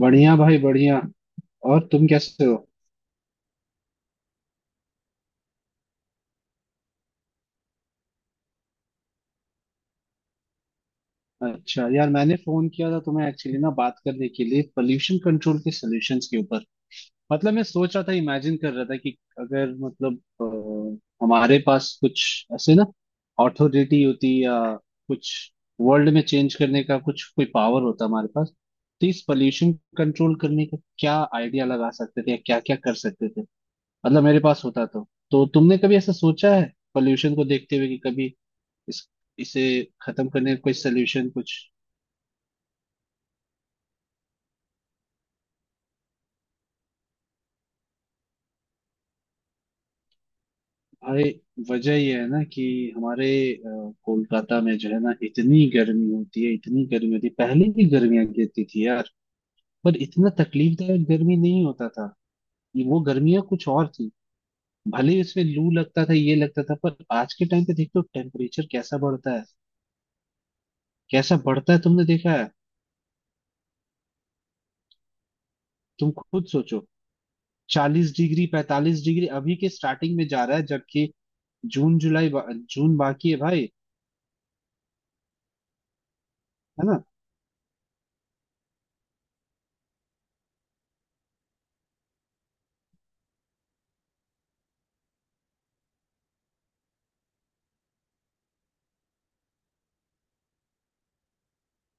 बढ़िया भाई बढ़िया। और तुम कैसे हो? अच्छा यार, मैंने फोन किया था तुम्हें एक्चुअली ना, बात करने के लिए पोल्यूशन कंट्रोल के सॉल्यूशंस के ऊपर। मतलब मैं सोच रहा था, इमेजिन कर रहा था कि अगर मतलब हमारे पास कुछ ऐसे ना अथॉरिटी होती या कुछ, वर्ल्ड में चेंज करने का कुछ कोई पावर होता हमारे पास, तो इस पोल्यूशन कंट्रोल करने का क्या आइडिया लगा सकते थे, या क्या क्या कर सकते थे? मतलब मेरे पास होता तो तुमने कभी ऐसा सोचा है पोल्यूशन को देखते हुए कि कभी इस इसे खत्म करने का कोई सलूशन कुछ? भाई वजह यह है ना कि हमारे कोलकाता में, जो है ना, इतनी गर्मी होती है, इतनी गर्मी होती है। पहले भी गर्मियां गिरती थी यार, पर इतना तकलीफदायक गर्मी नहीं होता था। ये वो गर्मियां कुछ और थी। भले ही उसमें लू लगता था ये लगता था, पर आज के टाइम पे देखते हो टेम्परेचर कैसा बढ़ता है, कैसा बढ़ता है, तुमने देखा है? तुम खुद सोचो, 40 डिग्री 45 डिग्री अभी के स्टार्टिंग में जा रहा है, जबकि जून जुलाई जून बाकी है भाई। है ना?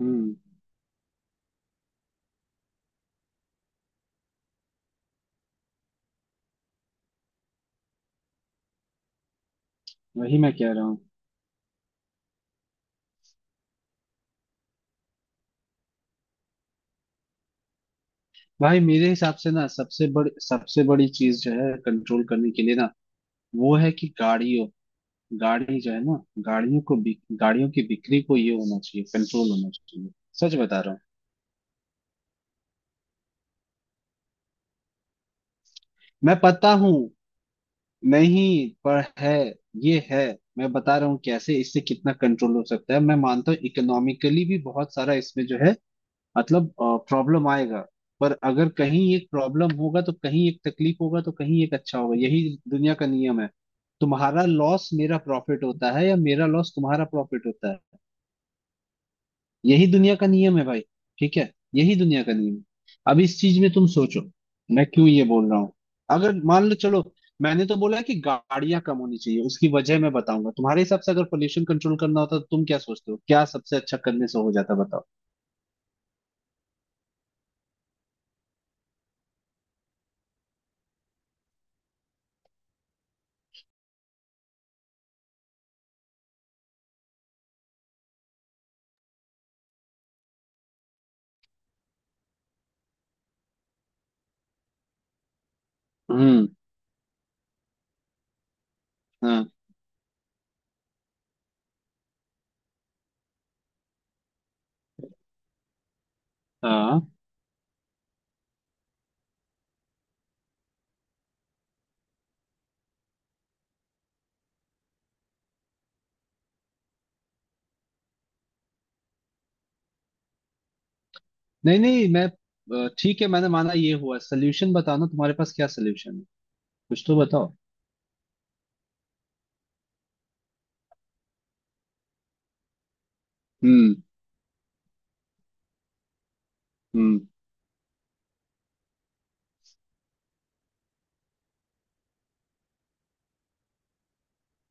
हम्म। वही मैं कह रहा हूँ। भाई मेरे हिसाब से ना, सबसे बड़ी चीज जो है कंट्रोल करने के लिए ना, वो है कि गाड़ियों गाड़ी जो है ना, गाड़ियों की बिक्री को, ये होना चाहिए, कंट्रोल होना चाहिए। सच बता रहा हूँ। मैं पता हूँ। नहीं पर है, ये है। मैं बता रहा हूँ कैसे इससे कितना कंट्रोल हो सकता है। मैं मानता हूँ इकोनॉमिकली भी बहुत सारा इसमें जो है, मतलब प्रॉब्लम आएगा। पर अगर कहीं एक प्रॉब्लम होगा तो कहीं एक तकलीफ होगा, तो कहीं एक अच्छा होगा। यही दुनिया का नियम है। तुम्हारा लॉस मेरा प्रॉफिट होता है, या मेरा लॉस तुम्हारा प्रॉफिट होता है। यही दुनिया का नियम है भाई। ठीक है, यही दुनिया का नियम है। अब इस चीज में तुम सोचो, मैं क्यों ये बोल रहा हूँ। अगर मान लो चलो, मैंने तो बोला है कि गाड़ियां कम होनी चाहिए, उसकी वजह मैं बताऊंगा। तुम्हारे हिसाब से अगर पोल्यूशन कंट्रोल करना होता तो तुम क्या सोचते हो, क्या सबसे अच्छा करने से हो जाता, बताओ? हम्म। हाँ। हाँ। नहीं नहीं, मैं ठीक है, मैंने माना ये हुआ, सोल्यूशन बताना, तुम्हारे पास क्या सोल्यूशन है? कुछ तो बताओ। हम्म। हम्म।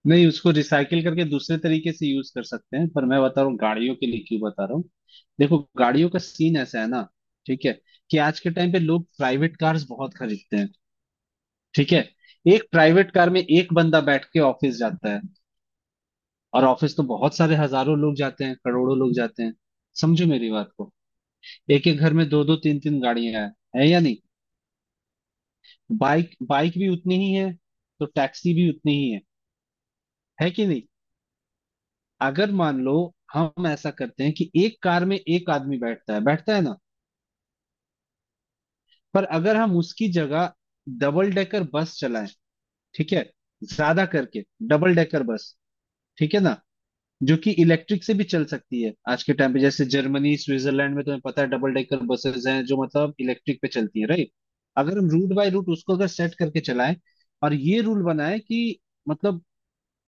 नहीं, उसको रिसाइकिल करके दूसरे तरीके से यूज कर सकते हैं, पर मैं बता रहा हूँ गाड़ियों के लिए क्यों बता रहा हूँ। देखो गाड़ियों का सीन ऐसा है ना, ठीक है, कि आज के टाइम पे लोग प्राइवेट कार्स बहुत खरीदते हैं। ठीक है। एक प्राइवेट कार में एक बंदा बैठ के ऑफिस जाता है, और ऑफिस तो बहुत सारे, हजारों लोग जाते हैं, करोड़ों लोग जाते हैं। समझो मेरी बात को। एक एक घर में दो दो तीन तीन गाड़ियां हैं, है या नहीं? बाइक बाइक भी उतनी ही है, तो टैक्सी भी उतनी ही है कि नहीं? अगर मान लो हम ऐसा करते हैं कि एक कार में एक आदमी बैठता है, बैठता है ना, पर अगर हम उसकी जगह डबल डेकर बस चलाएं, ठीक है, ज्यादा करके डबल डेकर बस, ठीक है ना, जो कि इलेक्ट्रिक से भी चल सकती है आज के टाइम पे, जैसे जर्मनी स्विट्जरलैंड में तुम्हें पता है डबल डेकर बसेस हैं जो मतलब इलेक्ट्रिक पे चलती है, राइट। अगर हम रूट बाय रूट उसको अगर सेट करके चलाएं, और ये रूल बनाए कि मतलब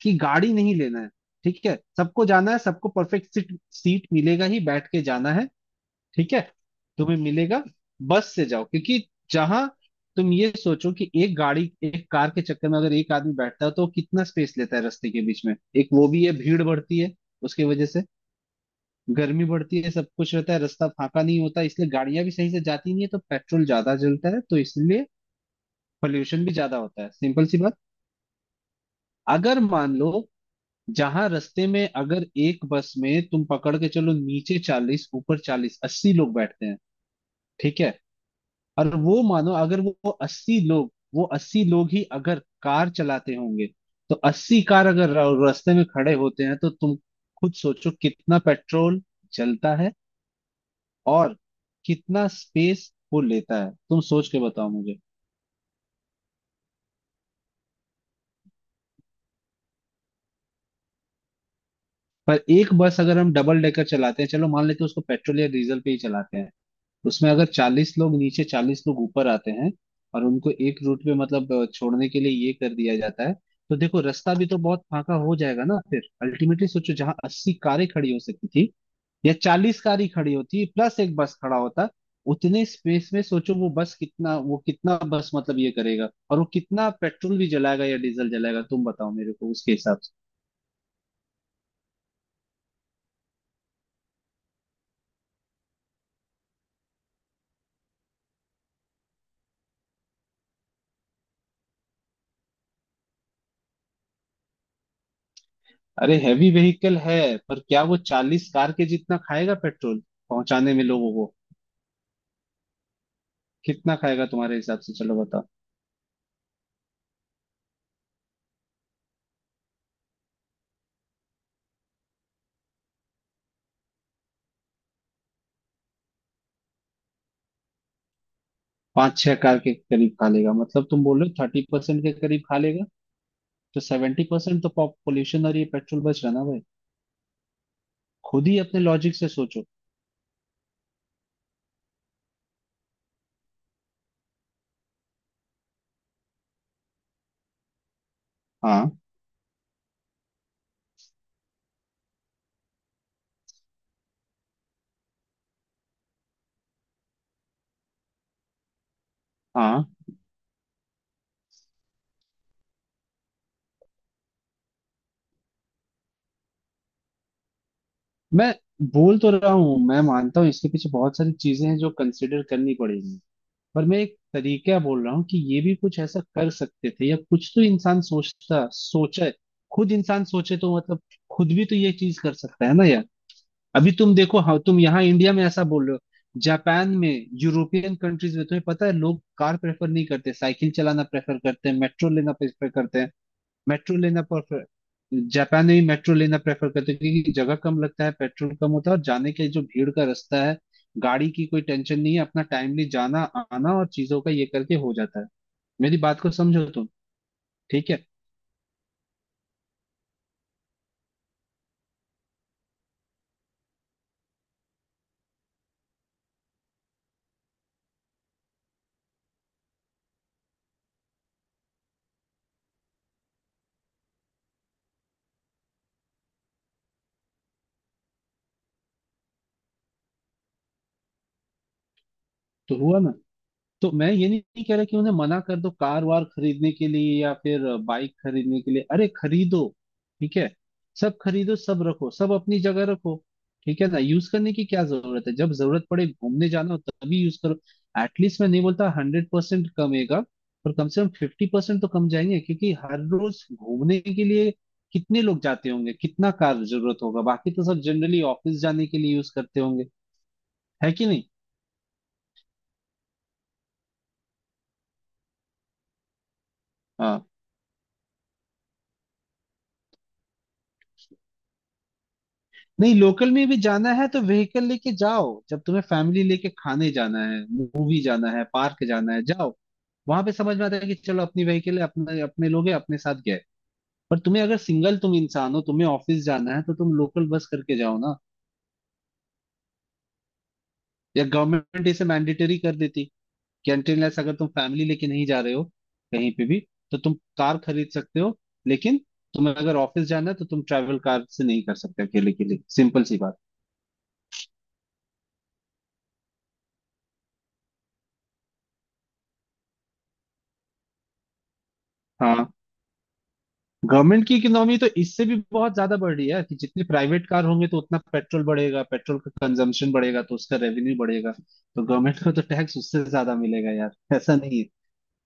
कि गाड़ी नहीं लेना है, ठीक है, सबको जाना है, सबको परफेक्ट सीट सीट मिलेगा ही, बैठ के जाना है, ठीक है, तुम्हें मिलेगा। बस से जाओ, क्योंकि जहां, तुम ये सोचो कि एक गाड़ी, एक कार के चक्कर में अगर एक आदमी बैठता है, तो वो कितना स्पेस लेता है रास्ते के बीच में। एक वो भी है, भीड़ बढ़ती है, उसकी वजह से गर्मी बढ़ती है, सब कुछ रहता है, रास्ता फाका नहीं होता, इसलिए गाड़ियां भी सही से जाती नहीं है, तो पेट्रोल ज्यादा जलता है, तो इसलिए पोल्यूशन भी ज्यादा होता है, सिंपल सी बात। अगर मान लो, जहां रास्ते में अगर एक बस में तुम पकड़ के चलो, नीचे 40 ऊपर 40, 80 लोग बैठते हैं, ठीक है, और वो मानो अगर वो 80 लोग, वो 80 लोग ही अगर कार चलाते होंगे, तो 80 कार अगर रास्ते में खड़े होते हैं, तो तुम खुद सोचो कितना पेट्रोल जलता है, और कितना स्पेस वो लेता है, तुम सोच के बताओ मुझे। पर एक बस अगर हम डबल डेकर चलाते हैं, चलो मान लेते हैं उसको पेट्रोल या डीजल पे ही चलाते हैं, उसमें अगर 40 लोग नीचे 40 लोग ऊपर आते हैं, और उनको एक रूट पे मतलब छोड़ने के लिए ये कर दिया जाता है, तो देखो रास्ता भी तो बहुत फाका हो जाएगा ना, फिर अल्टीमेटली सोचो जहाँ 80 कारें खड़ी हो सकती थी, या 40 कारें खड़ी होती, प्लस एक बस खड़ा होता, उतने स्पेस में सोचो वो बस कितना, वो कितना बस मतलब ये करेगा, और वो कितना पेट्रोल भी जलाएगा या डीजल जलाएगा, तुम बताओ मेरे को उसके हिसाब से। अरे हैवी व्हीकल है, पर क्या वो 40 कार के जितना खाएगा पेट्रोल, पहुंचाने में लोगों को? कितना खाएगा तुम्हारे हिसाब से, चलो बताओ। पाँच छह कार के करीब खा लेगा, मतलब तुम बोल रहे हो 30% के करीब खा लेगा, तो 70% तो पॉल्यूशन और ये पेट्रोल बच रहा ना भाई। खुद ही अपने लॉजिक से सोचो। हाँ। हाँ। मैं बोल तो रहा हूँ, मैं मानता हूँ इसके पीछे बहुत सारी चीजें हैं जो कंसिडर करनी पड़ेगी, पर मैं एक तरीका बोल रहा हूँ कि ये भी कुछ ऐसा कर सकते थे, या कुछ तो इंसान सोचता सोचे, खुद इंसान सोचे तो मतलब, खुद भी तो ये चीज कर सकता है ना यार। अभी तुम देखो, हाँ तुम यहाँ इंडिया में ऐसा बोल रहे हो, जापान में, यूरोपियन कंट्रीज में तुम्हें पता है लोग कार प्रेफर नहीं करते, साइकिल चलाना प्रेफर करते हैं, मेट्रो लेना प्रेफर करते हैं, मेट्रो लेना प्रेफर। जापान में भी मेट्रो लेना प्रेफर करते हैं, क्योंकि जगह कम लगता है, पेट्रोल कम होता है, और जाने के जो भीड़ का रास्ता है, गाड़ी की कोई टेंशन नहीं है, अपना टाइमली जाना आना और चीजों का ये करके हो जाता है। मेरी बात को समझो तुम, ठीक है? तो हुआ ना। तो मैं ये नहीं नहीं कह रहा कि उन्हें मना कर दो कार वार खरीदने के लिए या फिर बाइक खरीदने के लिए, अरे खरीदो, ठीक है, सब खरीदो, सब रखो, सब अपनी जगह रखो, ठीक है ना, यूज करने की क्या जरूरत है? जब जरूरत पड़े घूमने जाना हो तभी यूज करो। एटलीस्ट मैं नहीं बोलता 100% कमेगा, पर कम से कम 50% तो कम जाएंगे, क्योंकि हर रोज घूमने के लिए कितने लोग जाते होंगे, कितना कार जरूरत होगा, बाकी तो सब जनरली ऑफिस जाने के लिए यूज करते होंगे, है कि नहीं? हाँ। नहीं, लोकल में भी जाना है तो व्हीकल लेके जाओ, जब तुम्हें फैमिली लेके खाने जाना है, मूवी जाना है, पार्क जाना है, जाओ, वहां पे समझ में आता है कि चलो अपनी व्हीकल है, अपने अपने लोग हैं अपने साथ गए। पर तुम्हें अगर सिंगल तुम इंसान हो, तुम्हें ऑफिस जाना है, तो तुम लोकल बस करके जाओ ना, या गवर्नमेंट इसे मैंडेटरी कर देती, कैंटीनलेस अगर तुम फैमिली लेके नहीं जा रहे हो कहीं पे भी, तो तुम कार खरीद सकते हो, लेकिन तुम्हें अगर ऑफिस जाना है तो तुम ट्रैवल कार से नहीं कर सकते अकेले के लिए, सिंपल सी बात। हाँ। गवर्नमेंट की इकोनॉमी तो इससे भी बहुत ज्यादा बढ़ रही है कि जितने प्राइवेट कार होंगे तो उतना पेट्रोल बढ़ेगा, पेट्रोल का कंजम्पशन बढ़ेगा, तो उसका रेवेन्यू बढ़ेगा, तो गवर्नमेंट को तो टैक्स उससे ज्यादा मिलेगा यार, ऐसा नहीं है।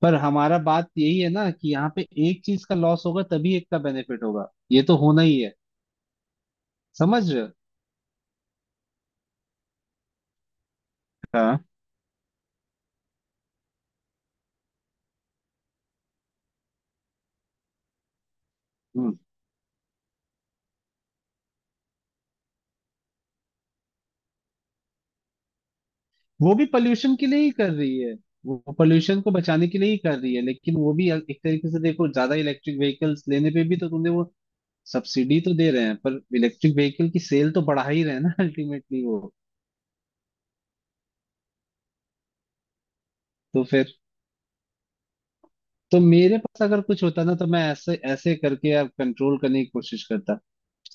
पर हमारा बात यही है ना कि यहाँ पे एक चीज का लॉस होगा तभी एक का बेनिफिट होगा, ये तो होना ही है, समझ रहे हो? हाँ। हम्म। वो भी पोल्यूशन के लिए ही कर रही है, वो पोल्यूशन को बचाने के लिए ही कर रही है, लेकिन वो भी एक तरीके से देखो, ज्यादा इलेक्ट्रिक व्हीकल्स लेने पे भी तो तुमने वो सब्सिडी तो दे रहे हैं, पर इलेक्ट्रिक व्हीकल की सेल तो बढ़ा ही रहे हैं ना अल्टीमेटली वो। तो फिर। तो मेरे पास अगर कुछ होता ना, तो मैं ऐसे ऐसे करके यार कंट्रोल करने की कोशिश करता,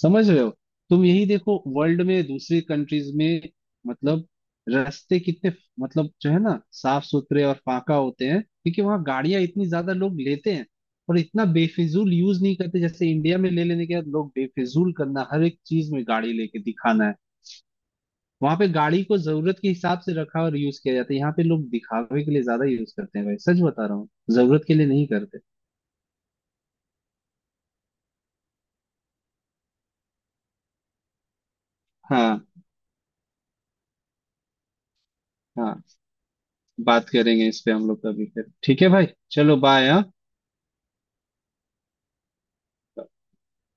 समझ रहे हो? तुम यही देखो वर्ल्ड में दूसरी कंट्रीज में, मतलब रास्ते कितने मतलब जो है ना साफ सुथरे और फाका होते हैं, क्योंकि वहाँ गाड़ियां इतनी ज्यादा लोग लेते हैं और इतना बेफिजूल यूज नहीं करते, जैसे इंडिया में ले लेने के बाद लोग बेफिजूल करना हर एक चीज में गाड़ी लेके दिखाना है। वहां पे गाड़ी को जरूरत के हिसाब से रखा और यूज किया जाता है, यहाँ पे लोग दिखावे के लिए ज्यादा यूज करते हैं, भाई सच बता रहा हूँ, जरूरत के लिए नहीं करते। हाँ। हाँ। बात करेंगे इस पे हम लोग कभी फिर, ठीक है भाई, चलो बाय, हाँ।